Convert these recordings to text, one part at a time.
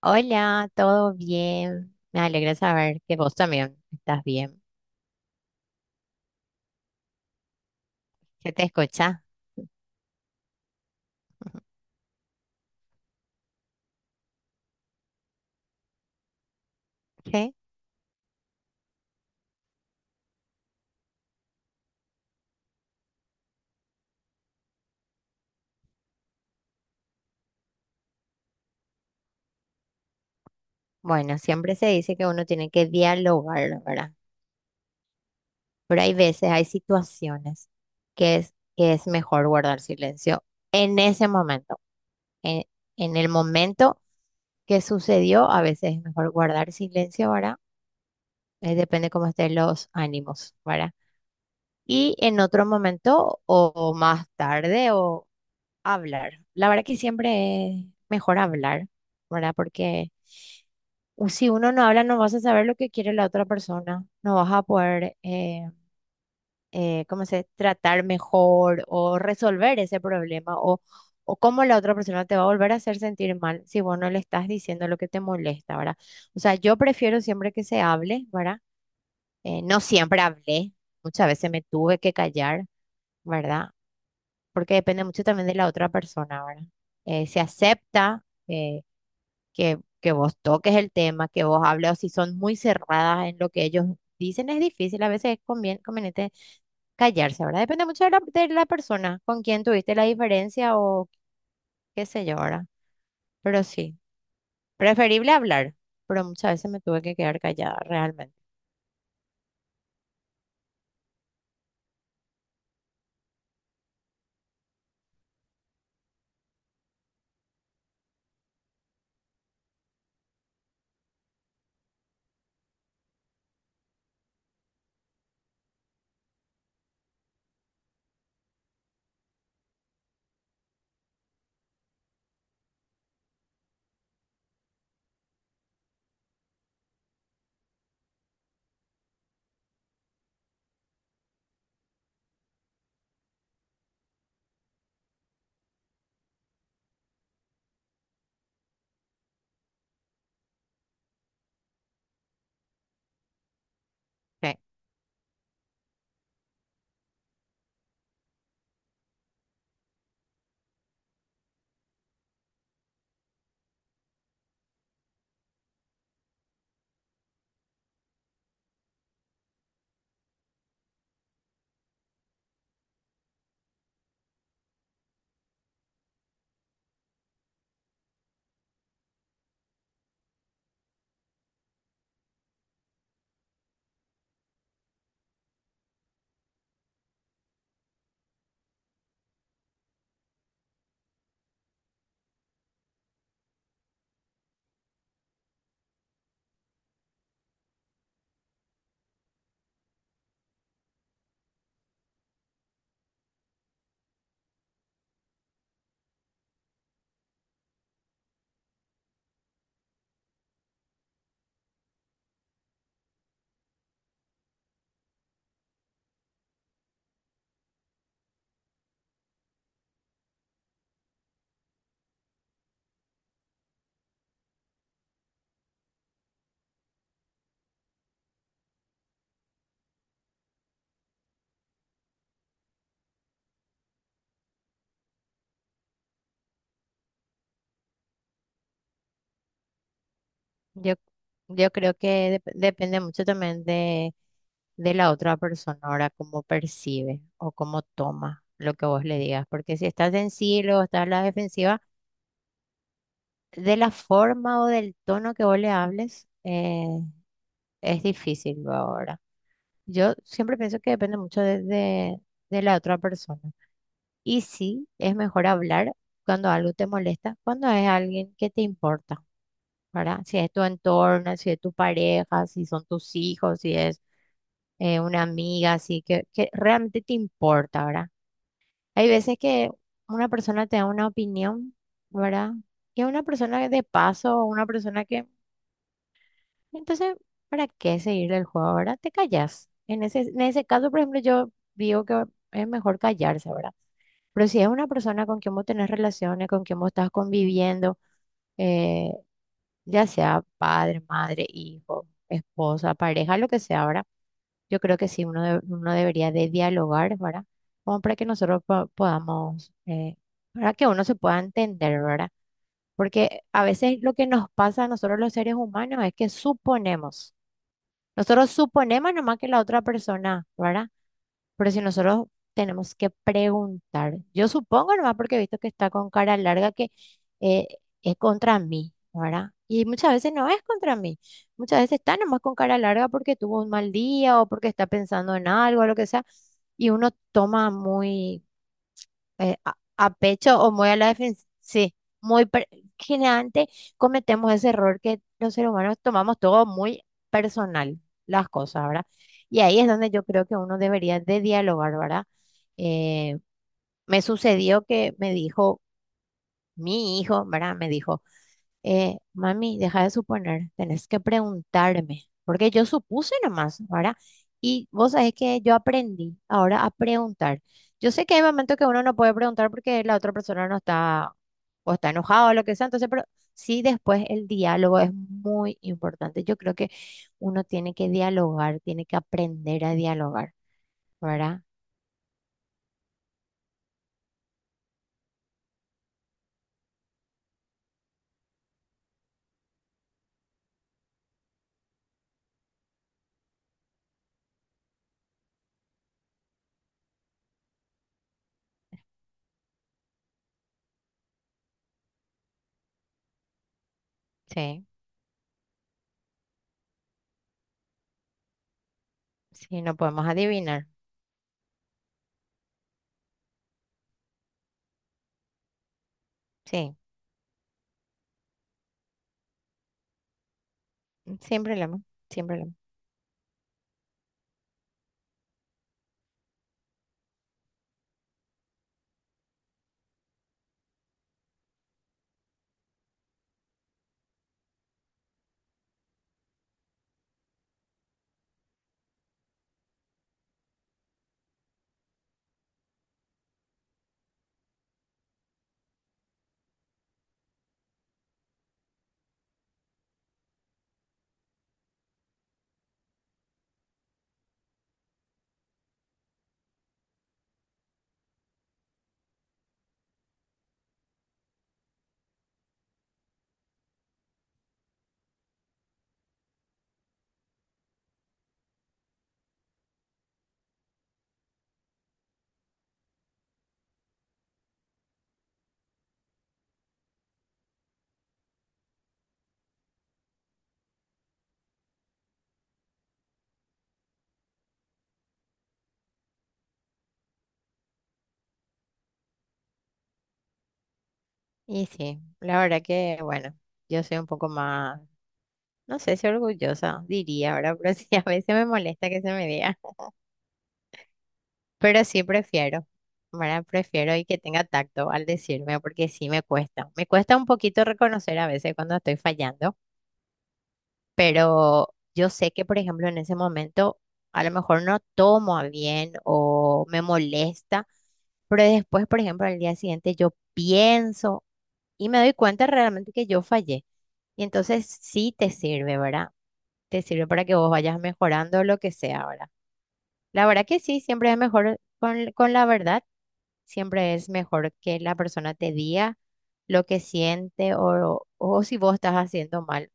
Hola, ¿todo bien? Me alegra saber que vos también estás bien. ¿Se te escucha? ¿Qué? Bueno, siempre se dice que uno tiene que dialogar, ¿verdad? Pero hay veces, hay situaciones que es mejor guardar silencio en ese momento. En, en el momento que sucedió, a veces es mejor guardar silencio, ¿verdad? Depende cómo estén los ánimos, ¿verdad? Y en otro momento, o más tarde, o hablar. La verdad que siempre es mejor hablar, ¿verdad? Porque si uno no habla, no vas a saber lo que quiere la otra persona, no vas a poder, ¿cómo se dice? Tratar mejor o resolver ese problema o cómo la otra persona te va a volver a hacer sentir mal si vos no le estás diciendo lo que te molesta, ¿verdad? O sea, yo prefiero siempre que se hable, ¿verdad? No siempre hablé, muchas veces me tuve que callar. ¿Verdad? Porque depende mucho también de la otra persona, ¿verdad? Si acepta que vos toques el tema, que vos hables, o si son muy cerradas en lo que ellos dicen, es difícil, a veces es conveniente callarse, ¿verdad? Depende mucho de la persona con quien tuviste la diferencia o qué sé yo, ¿verdad? Pero sí, preferible hablar, pero muchas veces me tuve que quedar callada, realmente. Sí. Yo, yo creo que depende mucho también de la otra persona, ahora cómo percibe o cómo toma lo que vos le digas, porque si estás sensible o estás a la defensiva, de la forma o del tono que vos le hables, es difícil luego ahora. Yo siempre pienso que depende mucho de la otra persona. Y sí, es mejor hablar cuando algo te molesta, cuando es alguien que te importa, ¿verdad? Si es tu entorno, si es tu pareja, si son tus hijos, si es una amiga, así que realmente te importa, ¿verdad? Hay veces que una persona te da una opinión, ¿verdad? Y a una persona de paso, o una persona que... Entonces, ¿para qué seguirle el juego, verdad? Te callas. En ese caso, por ejemplo, yo digo que es mejor callarse, ¿verdad? Pero si es una persona con quien vos tenés relaciones, con quien vos estás conviviendo, eh, ya sea padre, madre, hijo, esposa, pareja, lo que sea, ¿verdad? Yo creo que sí, uno, uno debería de dialogar, ¿verdad? Como para que nosotros podamos, para que uno se pueda entender, ¿verdad? Porque a veces lo que nos pasa a nosotros los seres humanos es que suponemos, nosotros suponemos nomás que la otra persona, ¿verdad? Pero si nosotros tenemos que preguntar, yo supongo nomás porque he visto que está con cara larga que eh, es contra mí, ¿verdad? Y muchas veces no es contra mí, muchas veces está nomás con cara larga porque tuvo un mal día o porque está pensando en algo o lo que sea, y uno toma muy a pecho o muy a la defensiva. Sí, muy per- generalmente cometemos ese error que los seres humanos tomamos todo muy personal, las cosas, ¿verdad? Y ahí es donde yo creo que uno debería de dialogar, ¿verdad? Eh, Me sucedió que me dijo mi hijo, ¿verdad? Me dijo mami, deja de suponer, tenés que preguntarme, porque yo supuse nomás, ¿verdad? Y vos sabés que yo aprendí ahora a preguntar. Yo sé que hay momentos que uno no puede preguntar porque la otra persona no está o está enojado o lo que sea, entonces, pero sí después el diálogo es muy importante. Yo creo que uno tiene que dialogar, tiene que aprender a dialogar, ¿verdad? Sí, sí, no podemos adivinar. Sí, sin problema, sin problema. Y sí, la verdad que, bueno, yo soy un poco más, no sé si orgullosa, diría, ¿verdad? Pero sí, a veces me molesta que se me diga, pero sí prefiero, ¿verdad? Prefiero y que tenga tacto al decirme, porque sí me cuesta un poquito reconocer a veces cuando estoy fallando. Pero yo sé que, por ejemplo, en ese momento a lo mejor no tomo a bien o me molesta, pero después, por ejemplo, al día siguiente yo pienso y me doy cuenta realmente que yo fallé. Y entonces sí te sirve, ¿verdad? Te sirve para que vos vayas mejorando lo que sea verdad. La verdad que sí, siempre es mejor con la verdad, siempre es mejor que la persona te diga lo que siente o si vos estás haciendo mal.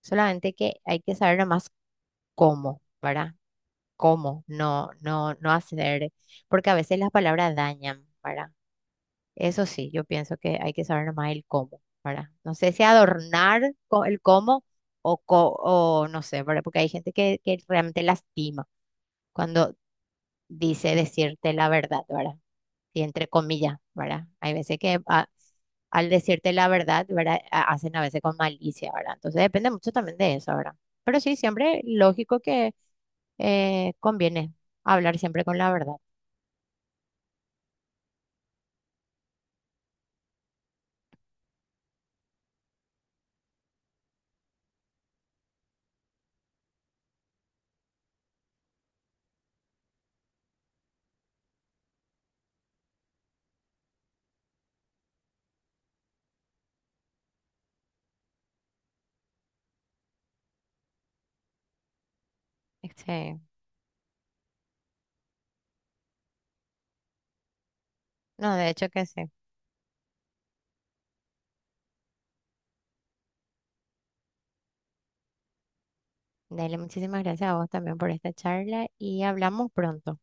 Solamente que hay que saber nomás cómo, ¿verdad? Cómo, no hacer, porque a veces las palabras dañan, ¿verdad? Eso sí, yo pienso que hay que saber más el cómo, ¿verdad? No sé si adornar el cómo o, o no sé, ¿verdad? Porque hay gente que realmente lastima cuando dice decirte la verdad, ¿verdad? Y entre comillas, ¿verdad? Hay veces que al decirte la verdad, ¿verdad? Hacen a veces con malicia, ¿verdad? Entonces depende mucho también de eso, ¿verdad? Pero sí, siempre lógico que conviene hablar siempre con la verdad. Sí. No, de hecho que sí. Dale, muchísimas gracias a vos también por esta charla y hablamos pronto.